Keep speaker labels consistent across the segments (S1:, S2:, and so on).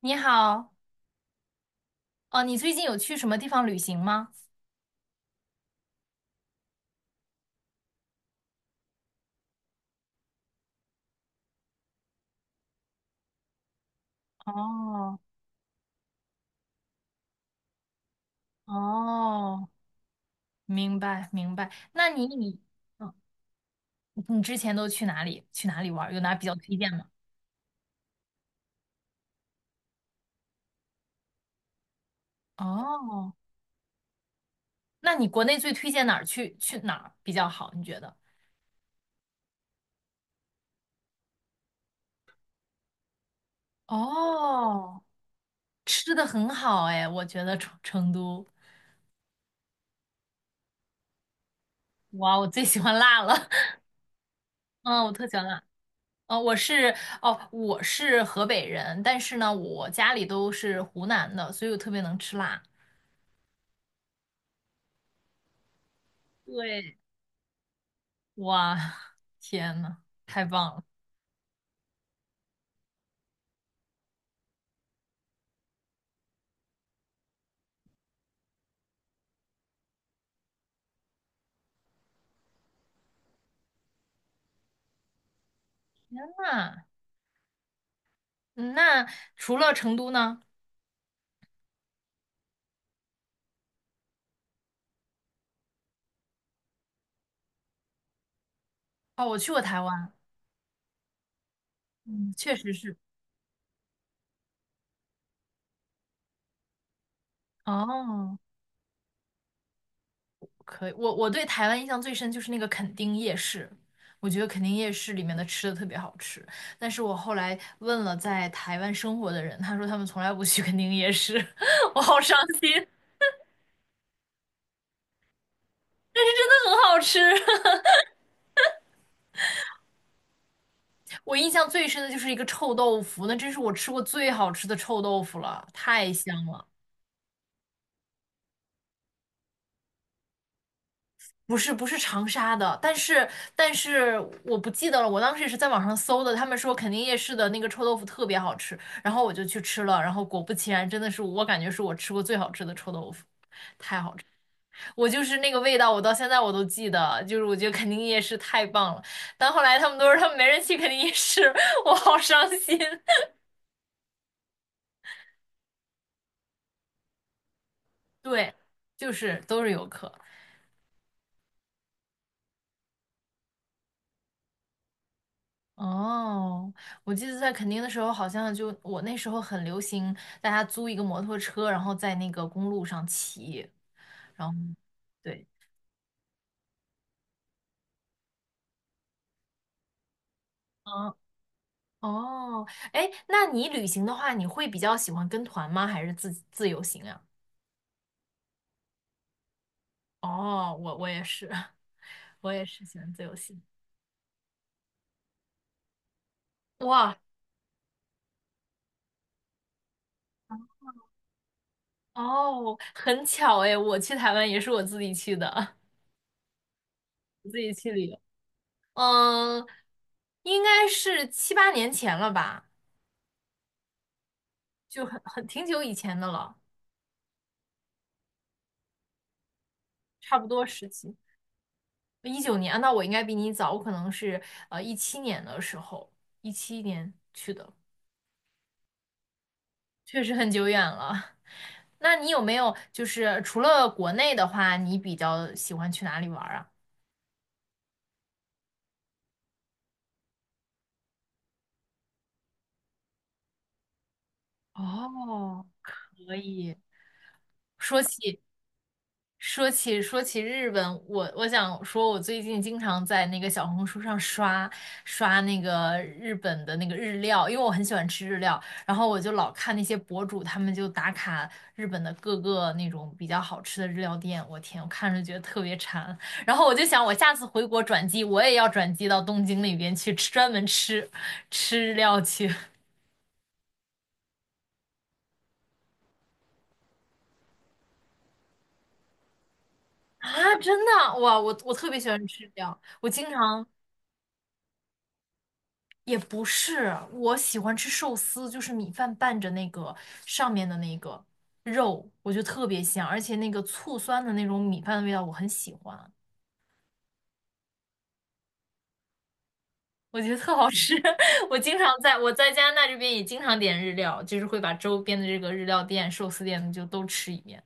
S1: 你好，哦，你最近有去什么地方旅行吗？哦哦，明白明白。那你你嗯，你之前都去哪里玩儿有哪比较推荐吗？哦，那你国内最推荐哪儿去去哪儿比较好？你觉得？哦，吃的很好哎，我觉得成都，哇，我最喜欢辣了。嗯，我特喜欢辣。哦，我是哦，我是河北人，但是呢，我家里都是湖南的，所以我特别能吃辣。对，哇，天呐，太棒了！那那除了成都呢？哦，我去过台湾。嗯，确实是。哦，可以。我对台湾印象最深就是那个垦丁夜市，我觉得垦丁夜市里面的吃的特别好吃。但是我后来问了在台湾生活的人，他说他们从来不去垦丁夜市，我好伤心。那很好吃。我印象最深的就是一个臭豆腐，那真是我吃过最好吃的臭豆腐了，太香了。不是不是长沙的，但是但是我不记得了，我当时也是在网上搜的，他们说肯定夜市的那个臭豆腐特别好吃，然后我就去吃了，然后果不其然，真的是我感觉是我吃过最好吃的臭豆腐，我就是那个味道，我到现在我都记得，就是我觉得肯定夜市太棒了。但后来他们都说他们没人去肯定夜市，我好伤心。对，就是都是游客。哦，我记得在垦丁的时候，好像就我那时候很流行，大家租一个摩托车，然后在那个公路上骑。然后对，嗯，哦，哎，那你旅行的话，你会比较喜欢跟团吗？还是自由行啊？哦，我也是。我也是喜欢自由行。哇，哦，很巧哎，我去台湾也是我自己去的。我自己去旅游。嗯，应该是7、8年前了吧，就很挺久以前的了。差不多时期，19年。啊，那我应该比你早，我可能是一七年的时候，一七年去的，确实很久远了。那你有没有就是除了国内的话，你比较喜欢去哪里玩儿啊？哦，可以。说起说起日本，我想说，我最近经常在那个小红书上刷那个日本的那个日料。因为我很喜欢吃日料，然后我就老看那些博主，他们就打卡日本的各个那种比较好吃的日料店，我天，我看着觉得特别馋，然后我就想，我下次回国转机，我也要转机到东京那边去吃，专门吃日料去。 啊！真的，哇，我特别喜欢吃日料，我经常。也不是，我喜欢吃寿司，就是米饭拌着那个上面的那个肉，我觉得特别香，而且那个醋酸的那种米饭的味道我很喜欢，我觉得特好吃。我在加拿大这边也经常点日料，就是会把周边的这个日料店、寿司店就都吃一遍。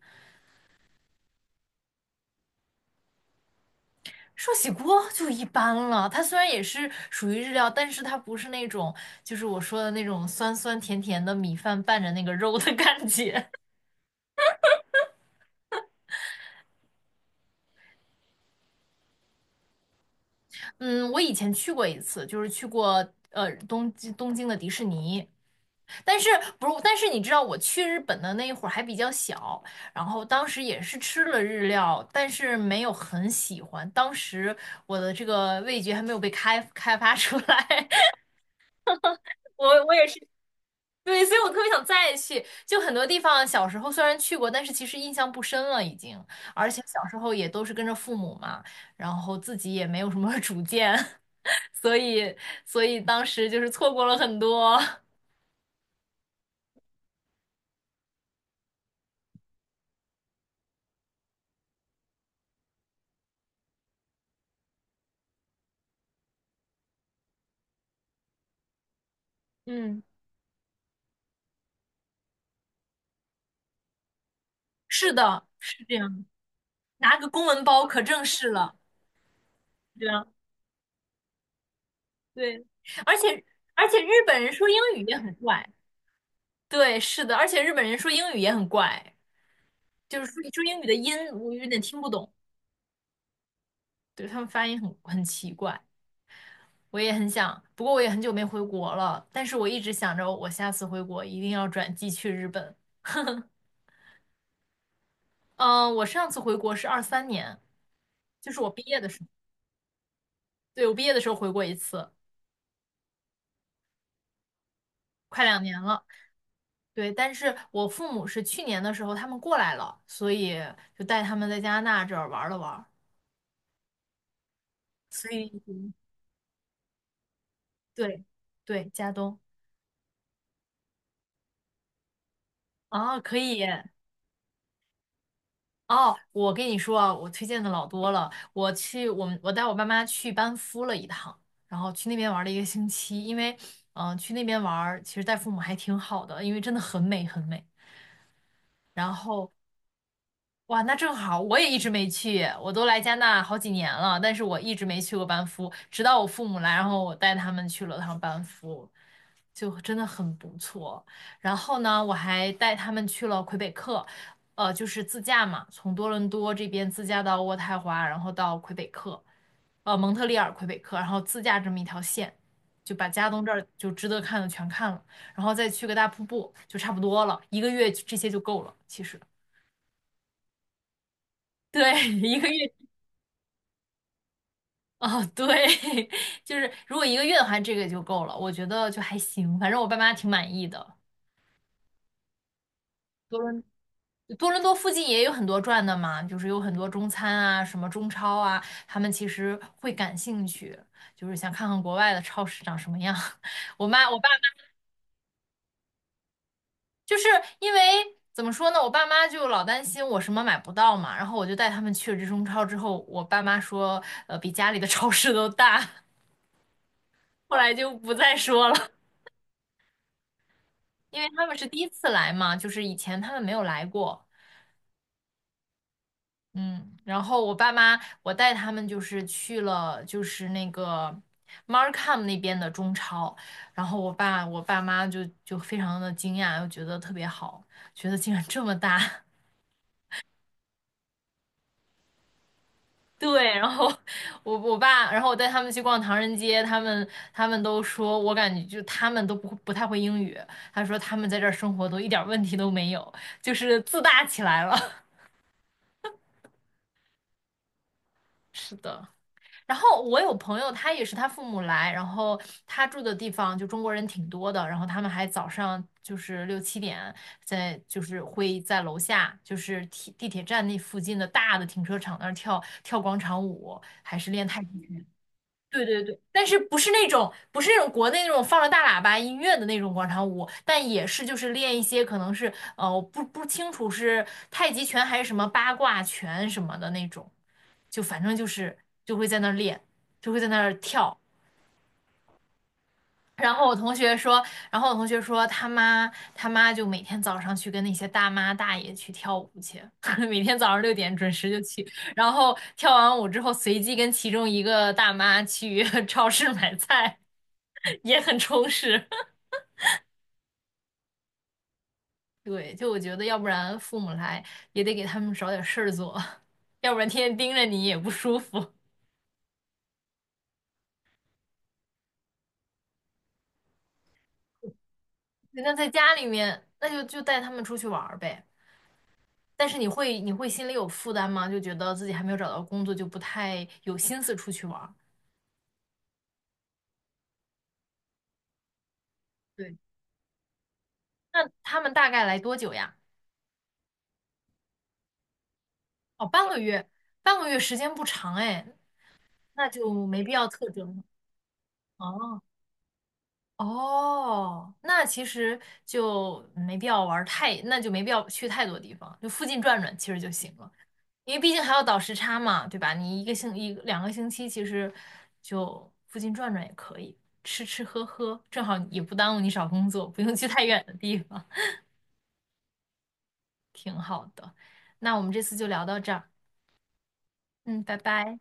S1: 寿喜锅就一般了，它虽然也是属于日料，但是它不是那种，就是我说的那种酸酸甜甜的米饭拌着那个肉的感觉。嗯，我以前去过一次，就是去过东京的迪士尼。但是不是？但是你知道我去日本的那一会儿还比较小，然后当时也是吃了日料，但是没有很喜欢。当时我的这个味觉还没有被开发出来。我也是。对，所以我特别想再去。就很多地方小时候虽然去过，但是其实印象不深了已经，而且小时候也都是跟着父母嘛，然后自己也没有什么 主见。所以所以当时就是错过了很多。嗯，是的，是这样，拿个公文包可正式了，这样对。而且而且日本人说英语也很怪。对，是的，而且日本人说英语也很怪，就是说说英语的音我有点听不懂，对他们发音很奇怪。我也很想，不过我也很久没回国了，但是我一直想着我下次回国一定要转机去日本。嗯，我上次回国是23年，就是我毕业的时候。对，我毕业的时候回过一次，快2年了。对，但是我父母是去年的时候他们过来了，所以就带他们在加拿大这儿玩了玩。所以对对，加东啊，可以哦。我跟你说啊，我推荐的老多了。我去，我带我爸妈去班夫了一趟，然后去那边玩了1个星期。因为去那边玩儿其实带父母还挺好的，因为真的很美很美。然后哇，那正好，我也一直没去，我都来加拿大好几年了，但是我一直没去过班夫，直到我父母来，然后我带他们去了趟班夫，就真的很不错。然后呢，我还带他们去了魁北克。就是自驾嘛，从多伦多这边自驾到渥太华，然后到魁北克。蒙特利尔、魁北克，然后自驾这么一条线，就把加东这儿就值得看的全看了，然后再去个大瀑布，就差不多了，一个月这些就够了，其实。对，一个月。 哦，对，就是如果1个月的话，这个就够了，我觉得就还行，反正我爸妈挺满意的。多伦多伦多附近也有很多转的嘛，就是有很多中餐啊，什么中超啊，他们其实会感兴趣，就是想看看国外的超市长什么样。我爸妈就是，因为怎么说呢，我爸妈就老担心我什么买不到嘛，然后我就带他们去了这中超之后，我爸妈说，比家里的超市都大。后来就不再说了。因为他们是第一次来嘛，就是以前他们没有来过。嗯，然后我爸妈，我带他们就是去了，就是那个 Markham 那边的中超，然后我爸妈就非常的惊讶，又觉得特别好，觉得竟然这么大。对，然后我我爸，然后我带他们去逛唐人街。他们都说，我感觉就他们都不太会英语，他说他们在这儿生活都一点儿问题都没有，就是自大起来了。是的。然后我有朋友，他也是他父母来，然后他住的地方就中国人挺多的，然后他们还早上就是6、7点就是会在楼下，就是地铁站那附近的大的停车场那儿跳跳广场舞，还是练太极拳。对对对，但是不是那种国内那种放着大喇叭音乐的那种广场舞，但也是就是练一些，可能是我不清楚是太极拳还是什么八卦拳什么的那种。就反正就是，就会在那儿练，就会在那儿跳。然后我同学说，然后我同学说他妈就每天早上去跟那些大妈大爷去跳舞去，每天早上6点准时就去，然后跳完舞之后随机跟其中一个大妈去 超市买菜，也很充实。对，就我觉得要不然父母来也得给他们找点事儿做，要不然天天盯着你也不舒服。那在家里面，那就带他们出去玩儿呗。但是你会心里有负担吗？就觉得自己还没有找到工作，就不太有心思出去玩儿。对，那他们大概来多久呀？哦，半个月。半个月时间不长哎，那就没必要特征了。哦，哦，那其实就没必要玩儿太，那就没必要去太多地方，就附近转转其实就行了，因为毕竟还要倒时差嘛，对吧？你1、2个星期，其实就附近转转也可以，吃吃喝喝，正好也不耽误你找工作，不用去太远的地方，挺好的。那我们这次就聊到这儿。嗯，拜拜。